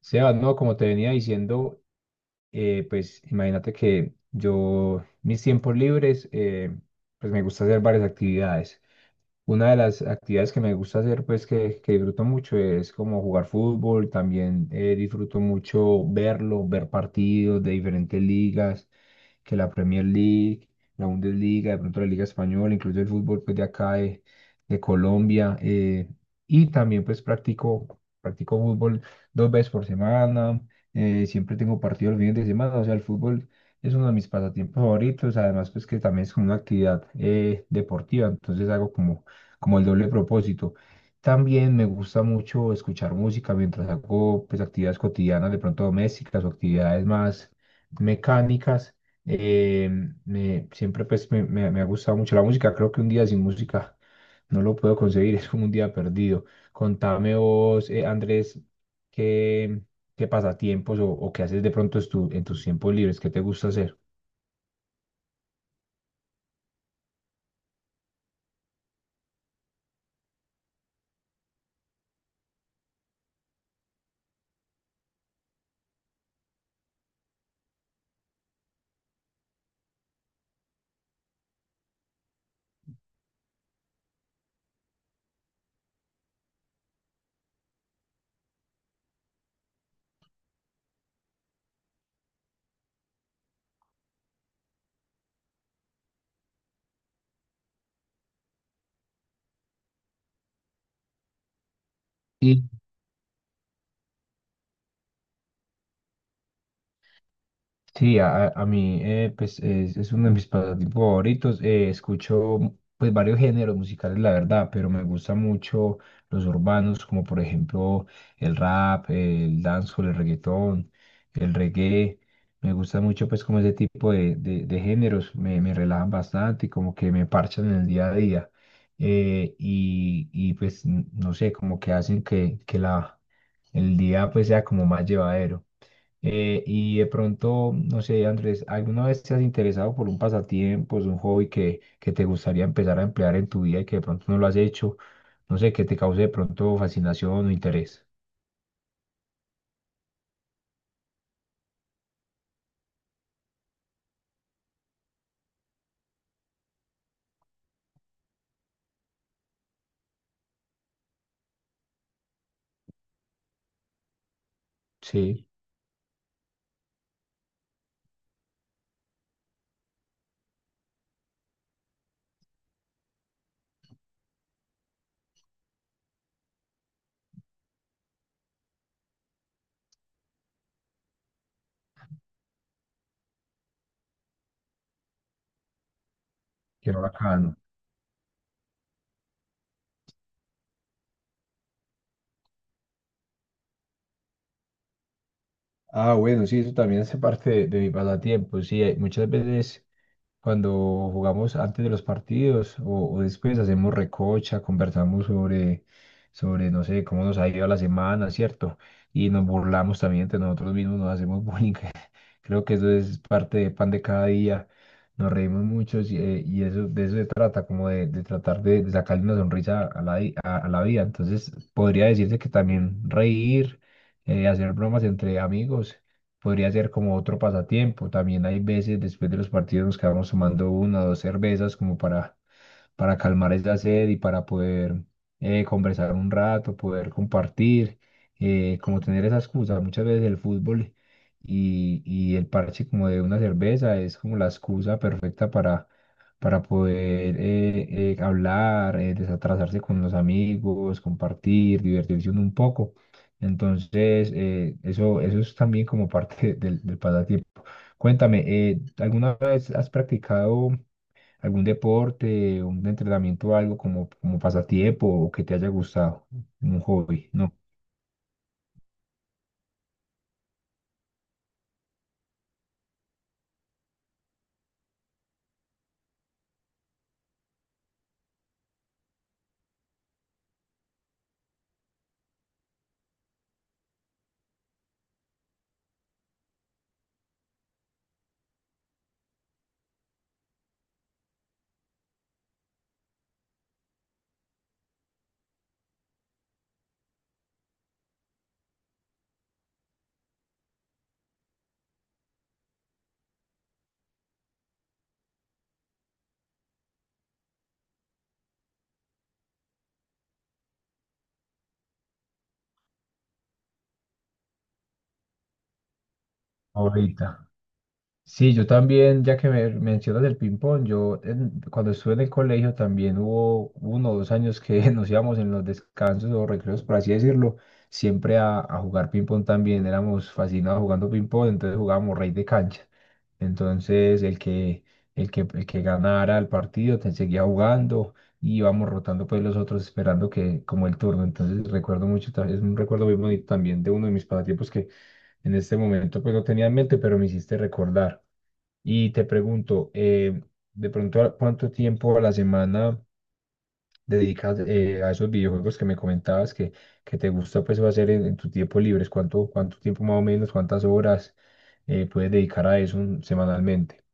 Sebas, no, como te venía diciendo, pues imagínate que yo, mis tiempos libres, pues me gusta hacer varias actividades. Una de las actividades que me gusta hacer, pues que disfruto mucho, es como jugar fútbol, también disfruto mucho verlo, ver partidos de diferentes ligas que la Premier League, la Bundesliga, de pronto la Liga Española, incluso el fútbol pues, de Colombia. Y también pues practico fútbol dos veces por semana. Siempre tengo partidos los fines de semana, o sea, el fútbol es uno de mis pasatiempos favoritos, además pues que también es como una actividad deportiva, entonces hago como, como el doble propósito. También me gusta mucho escuchar música mientras hago pues actividades cotidianas, de pronto domésticas o actividades más mecánicas. Eh, Siempre pues me ha gustado mucho la música. Creo que un día sin música no lo puedo conseguir, es como un día perdido. Contame vos, Andrés, qué, qué pasatiempos o qué haces de pronto en tus tiempos libres, qué te gusta hacer. Sí, a mí pues es uno de mis pasatiempos favoritos. Escucho pues varios géneros musicales, la verdad, pero me gustan mucho los urbanos, como por ejemplo el rap, el dancehall, el reggaetón, el reggae. Me gusta mucho pues como ese tipo de géneros, me relajan bastante y como que me parchan en el día a día. Y, pues no sé, como que hacen que la, el día pues sea como más llevadero. Y de pronto, no sé, Andrés, ¿alguna vez te has interesado por un pasatiempo, es un hobby que te gustaría empezar a emplear en tu vida y que de pronto no lo has hecho? No sé, que te cause de pronto fascinación o interés. Sí. Qué bacano. Ah, bueno, sí, eso también hace parte de mi pasatiempo. Sí, muchas veces cuando jugamos antes de los partidos o después hacemos recocha, conversamos sobre, no sé, cómo nos ha ido la semana, ¿cierto? Y nos burlamos también entre nosotros mismos, nos hacemos bullying. Creo que eso es parte de pan de cada día. Nos reímos mucho y eso, de eso se trata, como de tratar de sacarle una sonrisa a la, a la vida. Entonces, podría decirse que también reír, hacer bromas entre amigos podría ser como otro pasatiempo. También hay veces después de los partidos nos quedamos tomando una o dos cervezas como para calmar esa sed y para poder conversar un rato, poder compartir, como tener esa excusa. Muchas veces el fútbol y el parche como de una cerveza es como la excusa perfecta para poder hablar, desatrasarse con los amigos, compartir, divertirse uno un poco. Entonces, eso, eso es también como parte del, del pasatiempo. Cuéntame, ¿alguna vez has practicado algún deporte, un entrenamiento, algo como, como pasatiempo o que te haya gustado, un hobby? No, ahorita. Sí, yo también, ya que me mencionas el ping-pong, yo cuando estuve en el colegio también hubo uno o dos años que nos íbamos en los descansos o recreos, por así decirlo, siempre a jugar ping-pong también. Éramos fascinados jugando ping-pong, entonces jugábamos rey de cancha. Entonces el que ganara el partido te seguía jugando y íbamos rotando pues los otros esperando que como el turno. Entonces recuerdo mucho, es un recuerdo muy bonito también de uno de mis pasatiempos que en este momento pues no tenía en mente, pero me hiciste recordar. Y te pregunto, de pronto, ¿a ¿cuánto tiempo a la semana dedicas a esos videojuegos que me comentabas que te gusta pues hacer en tu tiempo libre? ¿Cuánto tiempo más o menos, cuántas horas puedes dedicar a eso semanalmente?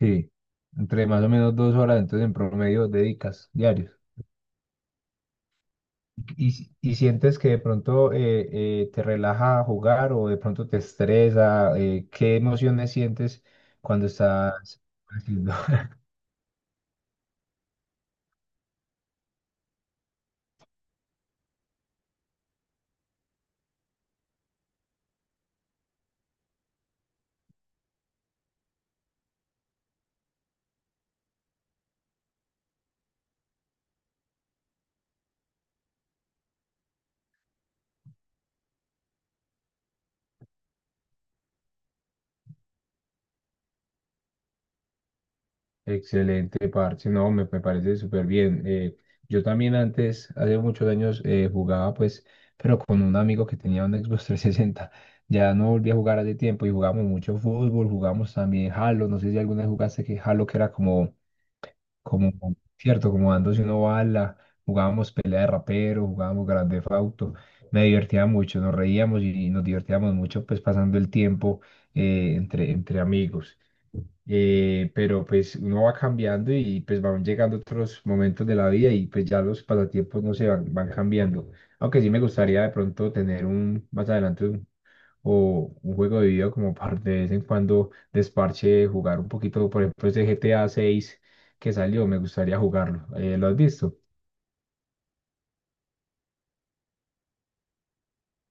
Sí, entre más o menos dos horas, entonces en promedio dedicas diarios. ¿Y, y sientes que de pronto te relaja jugar o de pronto te estresa? ¿Qué emociones sientes cuando estás haciendo? Excelente, parce. No, me parece súper bien. Yo también antes, hace muchos años, jugaba pues, pero con un amigo que tenía un Xbox 360. Ya no volví a jugar hace tiempo y jugamos mucho fútbol, jugamos también Halo. No sé si alguna vez jugaste que Halo, que era como, como, cierto, como dándose una bala. Jugábamos pelea de rapero, jugábamos Grand Theft Auto. Me divertía mucho, nos reíamos y nos divertíamos mucho pues pasando el tiempo entre amigos, pero pues uno va cambiando y pues van llegando otros momentos de la vida y pues ya los pasatiempos no se van, van cambiando. Aunque sí me gustaría de pronto tener un más adelante un, o un juego de video como para de vez en cuando desparche, jugar un poquito, por ejemplo, ese GTA 6 que salió, me gustaría jugarlo. ¿Lo has visto?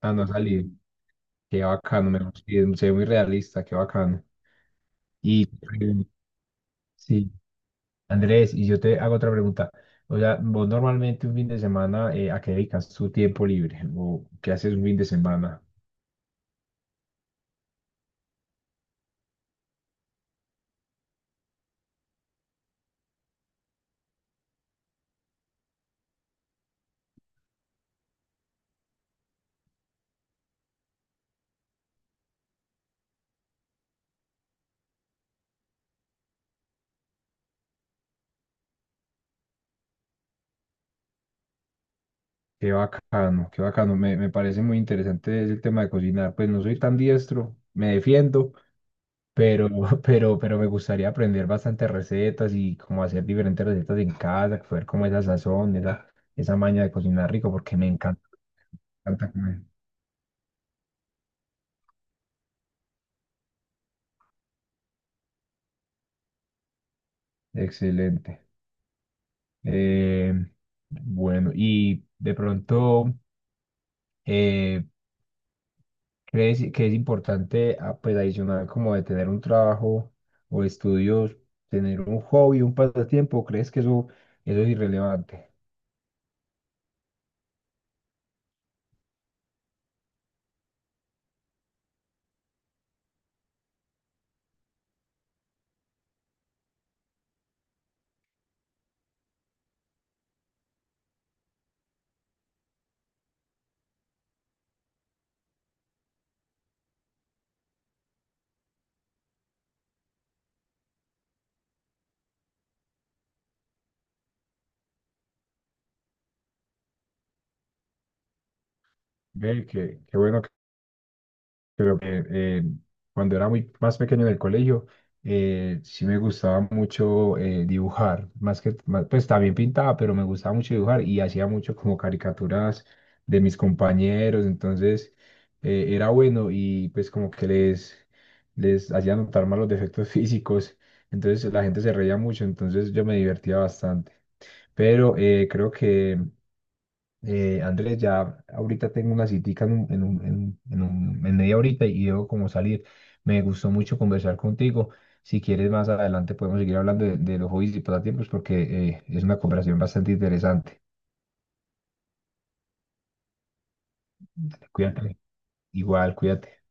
Ah, no ha salido. Qué bacano, me gusta, y se ve muy realista, qué bacano. Y eh, sí, Andrés, y yo te hago otra pregunta. O sea, vos normalmente un fin de semana, ¿a qué dedicas tu tiempo libre? ¿O qué haces un fin de semana? Qué bacano, qué bacano. Me parece muy interesante el tema de cocinar. Pues no soy tan diestro, me defiendo, pero, pero me gustaría aprender bastantes recetas y cómo hacer diferentes recetas en casa, ver cómo esa sazón, esa maña de cocinar rico, porque me encanta comer. Excelente. Eh, bueno, y de pronto. Eh, ¿Crees que es importante, ah, pues adicional como de tener un trabajo o estudios, tener un hobby, un pasatiempo? ¿Crees que eso es irrelevante? Ve, qué bueno. Pero cuando era muy más pequeño en el colegio, sí me gustaba mucho dibujar, pues también pintaba, pero me gustaba mucho dibujar y hacía mucho como caricaturas de mis compañeros, entonces era bueno y pues como que les hacía notar más los defectos físicos, entonces la gente se reía mucho, entonces yo me divertía bastante, pero creo que Andrés, ya ahorita tengo una citica en media horita y debo como salir. Me gustó mucho conversar contigo. Si quieres, más adelante podemos seguir hablando de los hobbies y pasatiempos porque es una conversación bastante interesante. Cuídate. Igual, cuídate.